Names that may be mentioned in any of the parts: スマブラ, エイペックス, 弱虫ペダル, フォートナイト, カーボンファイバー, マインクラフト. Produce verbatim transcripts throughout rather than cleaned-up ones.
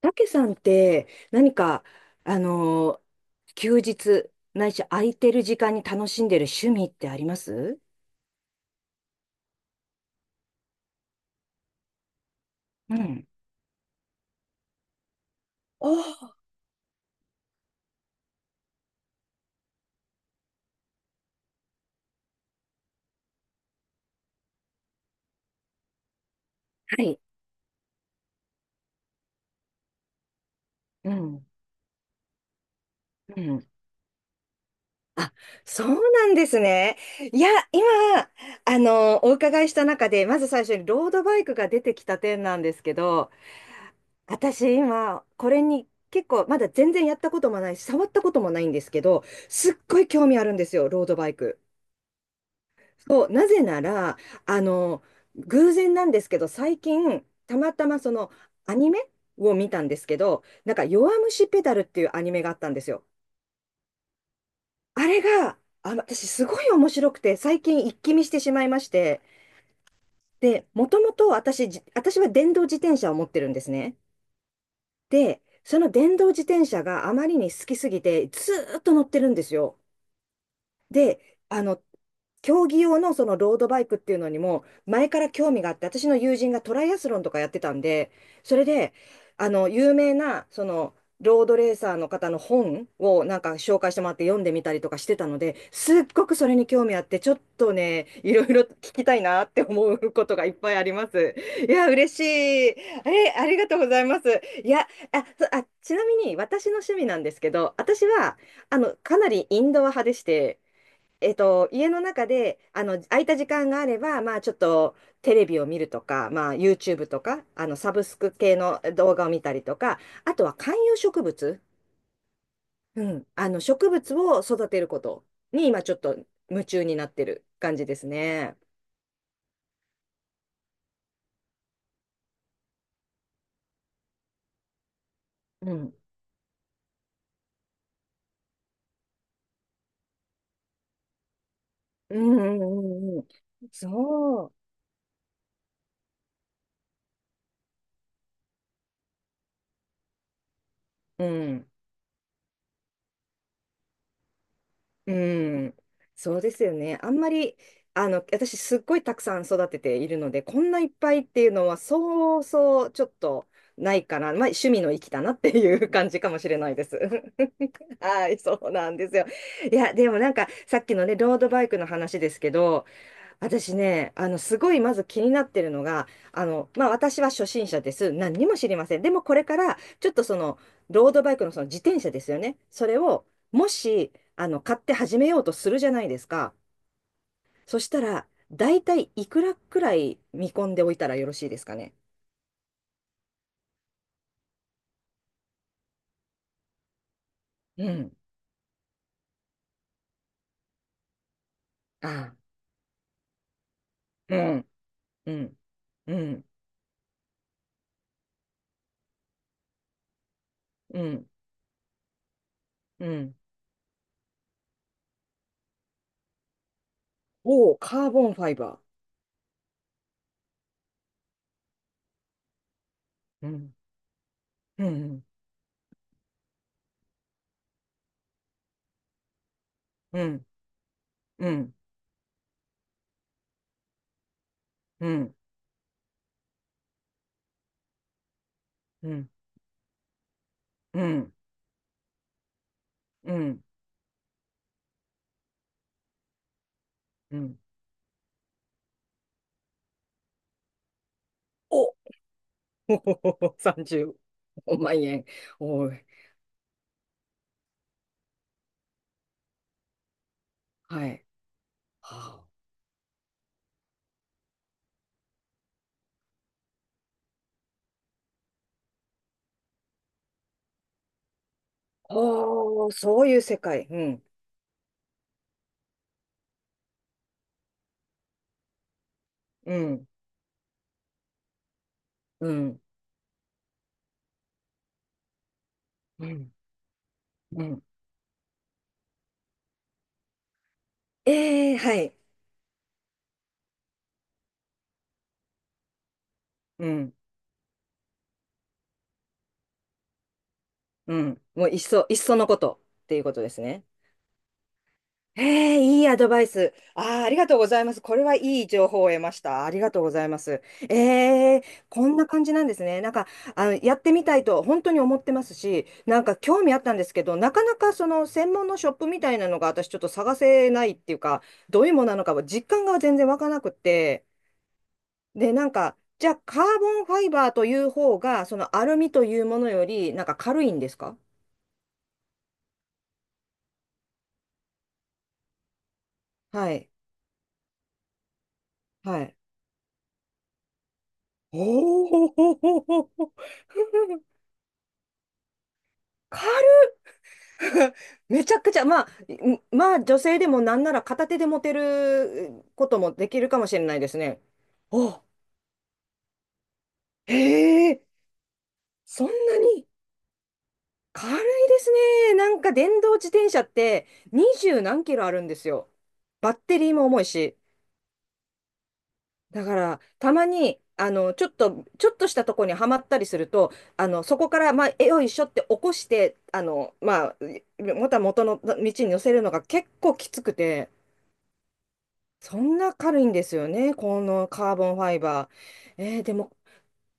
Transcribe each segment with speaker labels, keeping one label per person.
Speaker 1: たけさんって何か、あのー休日、ないし空いてる時間に楽しんでる趣味ってあります？うん。おーはい。うん。うん。あ、そうなんですね。いや、今、あのーお伺いした中で、まず最初にロードバイクが出てきた点なんですけど、私今、これに結構、まだ全然やったこともないし、触ったこともないんですけど、すっごい興味あるんですよ、ロードバイク。そう、なぜなら、あの、偶然なんですけど、最近、たまたまそのアニメを見たんですけど、なんか、弱虫ペダルっていうアニメがあったんですよ。あれが、あ、私、すごい面白くて、最近、一気見してしまいまして、で、もともと私、じ私は電動自転車を持ってるんですね。で、その電動自転車があまりに好きすぎて、ずーっと乗ってるんですよ。で、あの、競技用のそのロードバイクっていうのにも、前から興味があって、私の友人がトライアスロンとかやってたんで、それで、あの、有名な、その、ロードレーサーの方の本をなんか紹介してもらって読んでみたりとかしてたので、すっごくそれに興味あって、ちょっとね、いろいろ聞きたいなって思うことがいっぱいあります。いや、嬉しい。え、ありがとうございます。いや、あ、そあ、ちなみに私の趣味なんですけど、私は、あの、かなりインドア派でして、えっと、家の中で、あの、空いた時間があれば、まあ、ちょっと、テレビを見るとか、まあ、YouTube とか、あの、サブスク系の動画を見たりとか、あとは観葉植物、うん、あの、植物を育てることに、今、ちょっと夢中になってる感じですね。うん。うん、うん、うんうん。そう。うん。うん、そうですよね。あんまり、あの、私すっごいたくさん育てているので、こんないっぱいっていうのは、そうそうちょっとないかな。まあ、趣味の域だなっていう感じかもしれないです。はい、そうなんですよ。いや、でもなんか、さっきのね、ロードバイクの話ですけど、私ね、あの、すごいまず気になってるのが、あの、まあ、私は初心者です。何にも知りません。でもこれから、ちょっとその、ロードバイクのその自転車ですよね。それを、もし、あの、買って始めようとするじゃないですか。そしたら、大体いくらくらい見込んでおいたらよろしいですかね。うん。ああ、うん、うん、うん、うん、うん。おお、カーボンファイバー。うん、うん、うん、うん、うん、うん、うん、うん、うん。うんお さんじゅうまん円。おい。はい。はあおー、そういう世界。うん。うん。うん。うん。うん。ええはい。うん。うん。もう、いっそ、いっそのことっていうことですね。ええ、いいアドバイス。ああ、ありがとうございます。これはいい情報を得ました。ありがとうございます。ええ、こんな感じなんですね。なんか、あの、やってみたいと本当に思ってますし、なんか興味あったんですけど、なかなかその専門のショップみたいなのが私ちょっと探せないっていうか、どういうものなのかは実感が全然わからなくって、で、なんか、じゃあカーボンファイバーという方が、そのアルミというものより、なんか軽いんですか？はい。はい。おお、軽い。めちゃくちゃ、まあ、んまあ、女性でもなんなら片手で持てることもできるかもしれないですね。お、へえ、そんなに軽いですね。なんか電動自転車ってにじゅう何キロあるんですよ。バッテリーも重いし。だから、たまに、あの、ちょっと、ちょっとしたとこにはまったりすると、あの、そこから、まあ、えよいしょって起こして、あの、まあ、また元の道に乗せるのが結構きつくて。そんな軽いんですよね、このカーボンファイバー。えーでも、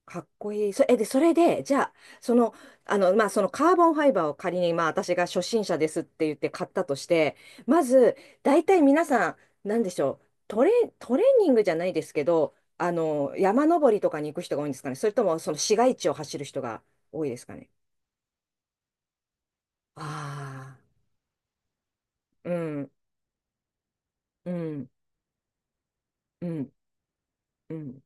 Speaker 1: かっこいい。そ、え、で、それで、じゃあ、その、あの、まあ、そのカーボンファイバーを仮に、まあ、私が初心者ですって言って買ったとして、まず、大体皆さん、なんでしょう、トレ、トレーニングじゃないですけど、あの、山登りとかに行く人が多いんですかね、それとも、その市街地を走る人が多いですかね。ああ、うん、うん、うん、うん、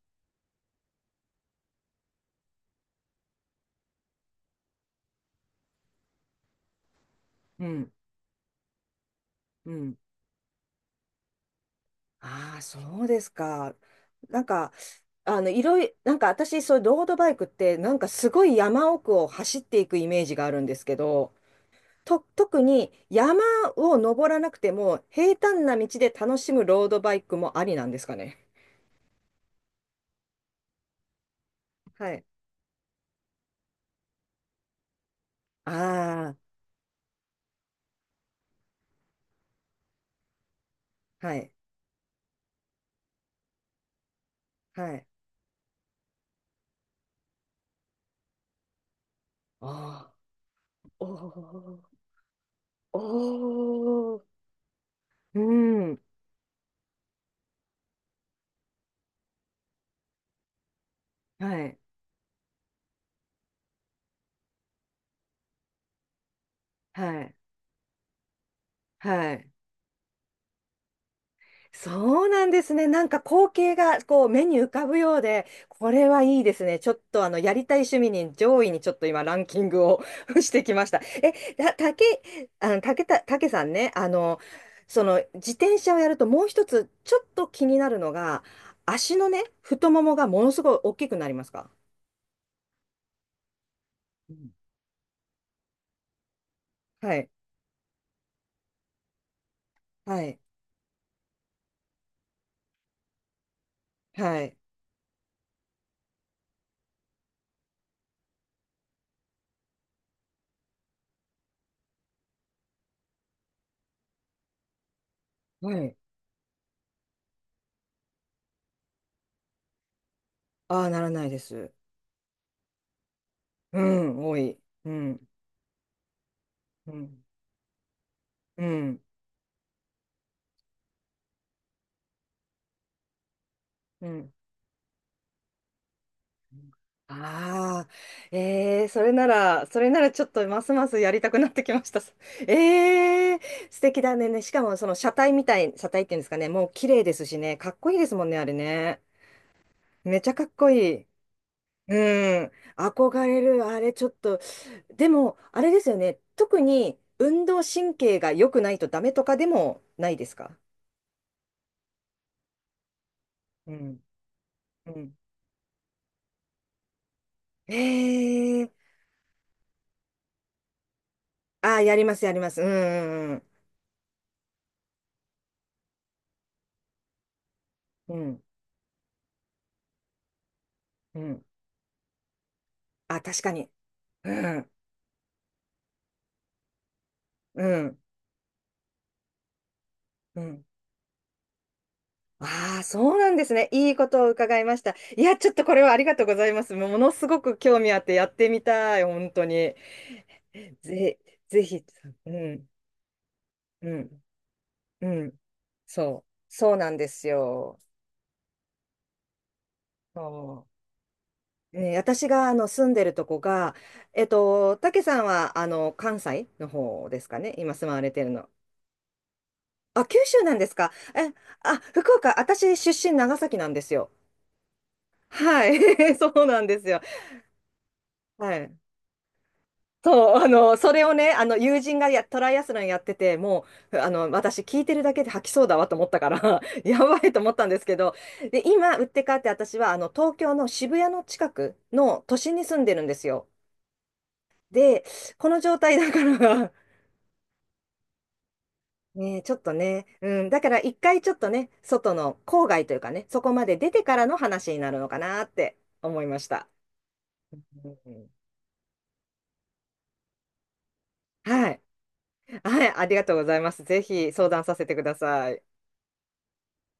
Speaker 1: うん、うん。ああ、そうですか。なんか、あの、いろいなんか私、そういうロードバイクって、なんかすごい山奥を走っていくイメージがあるんですけど、と、特に山を登らなくても、平坦な道で楽しむロードバイクもありなんですかね。はい。ああ、はい、はい。ああ、おーおー、うん、はい、はい、はい。そうなんですね。なんか光景がこう目に浮かぶようで、これはいいですね。ちょっとあのやりたい趣味に上位にちょっと今ランキングを してきました。え、た、たけ、あの、たけた、たけさんね、あの、その自転車をやるともう一つちょっと気になるのが、足のね、太ももがものすごい大きくなりますか？うん。はい。はい。はい。はい。ああ、ならないです。うん、多い。うん。うん。うん。うん。ああ、えー、それなら、それならちょっとますますやりたくなってきました。えー、素敵だね。ね、しかもその車体みたい、車体っていうんですかね、もう綺麗ですしね、かっこいいですもんね、あれね。めちゃかっこいい。うん、憧れる、あれちょっと。でも、あれですよね、特に運動神経が良くないとダメとかでもないですか？うん、うん。えー、ああ、やります、やります。うん、うん、うん。うん、うん。あ、確かに。うん、うん、うん。ああ、そうなんですね。いいことを伺いました。いや、ちょっとこれはありがとうございます。ものすごく興味あってやってみたい、本当に。ぜ、ぜひ、うん、うん、うん。そう、そうなんですよ。そうね、私があの住んでるとこが、えっと、たけさんはあの関西の方ですかね、今住まわれてるの？あ、九州なんですか。え、あ、福岡、私出身長崎なんですよ。はい、そうなんですよ。はい。そう、あの、それをね、あの、友人がや、トライアスロンやってて、もう、あの、私聞いてるだけで吐きそうだわと思ったから、やばいと思ったんですけど、で、今、売って変わって私は、あの、東京の渋谷の近くの都心に住んでるんですよ。で、この状態だから ね、ちょっとね、うん、だから一回ちょっとね、外の郊外というかね、そこまで出てからの話になるのかなって思いました。うんはい。はい、ありがとうございます。ぜひ相談させてください。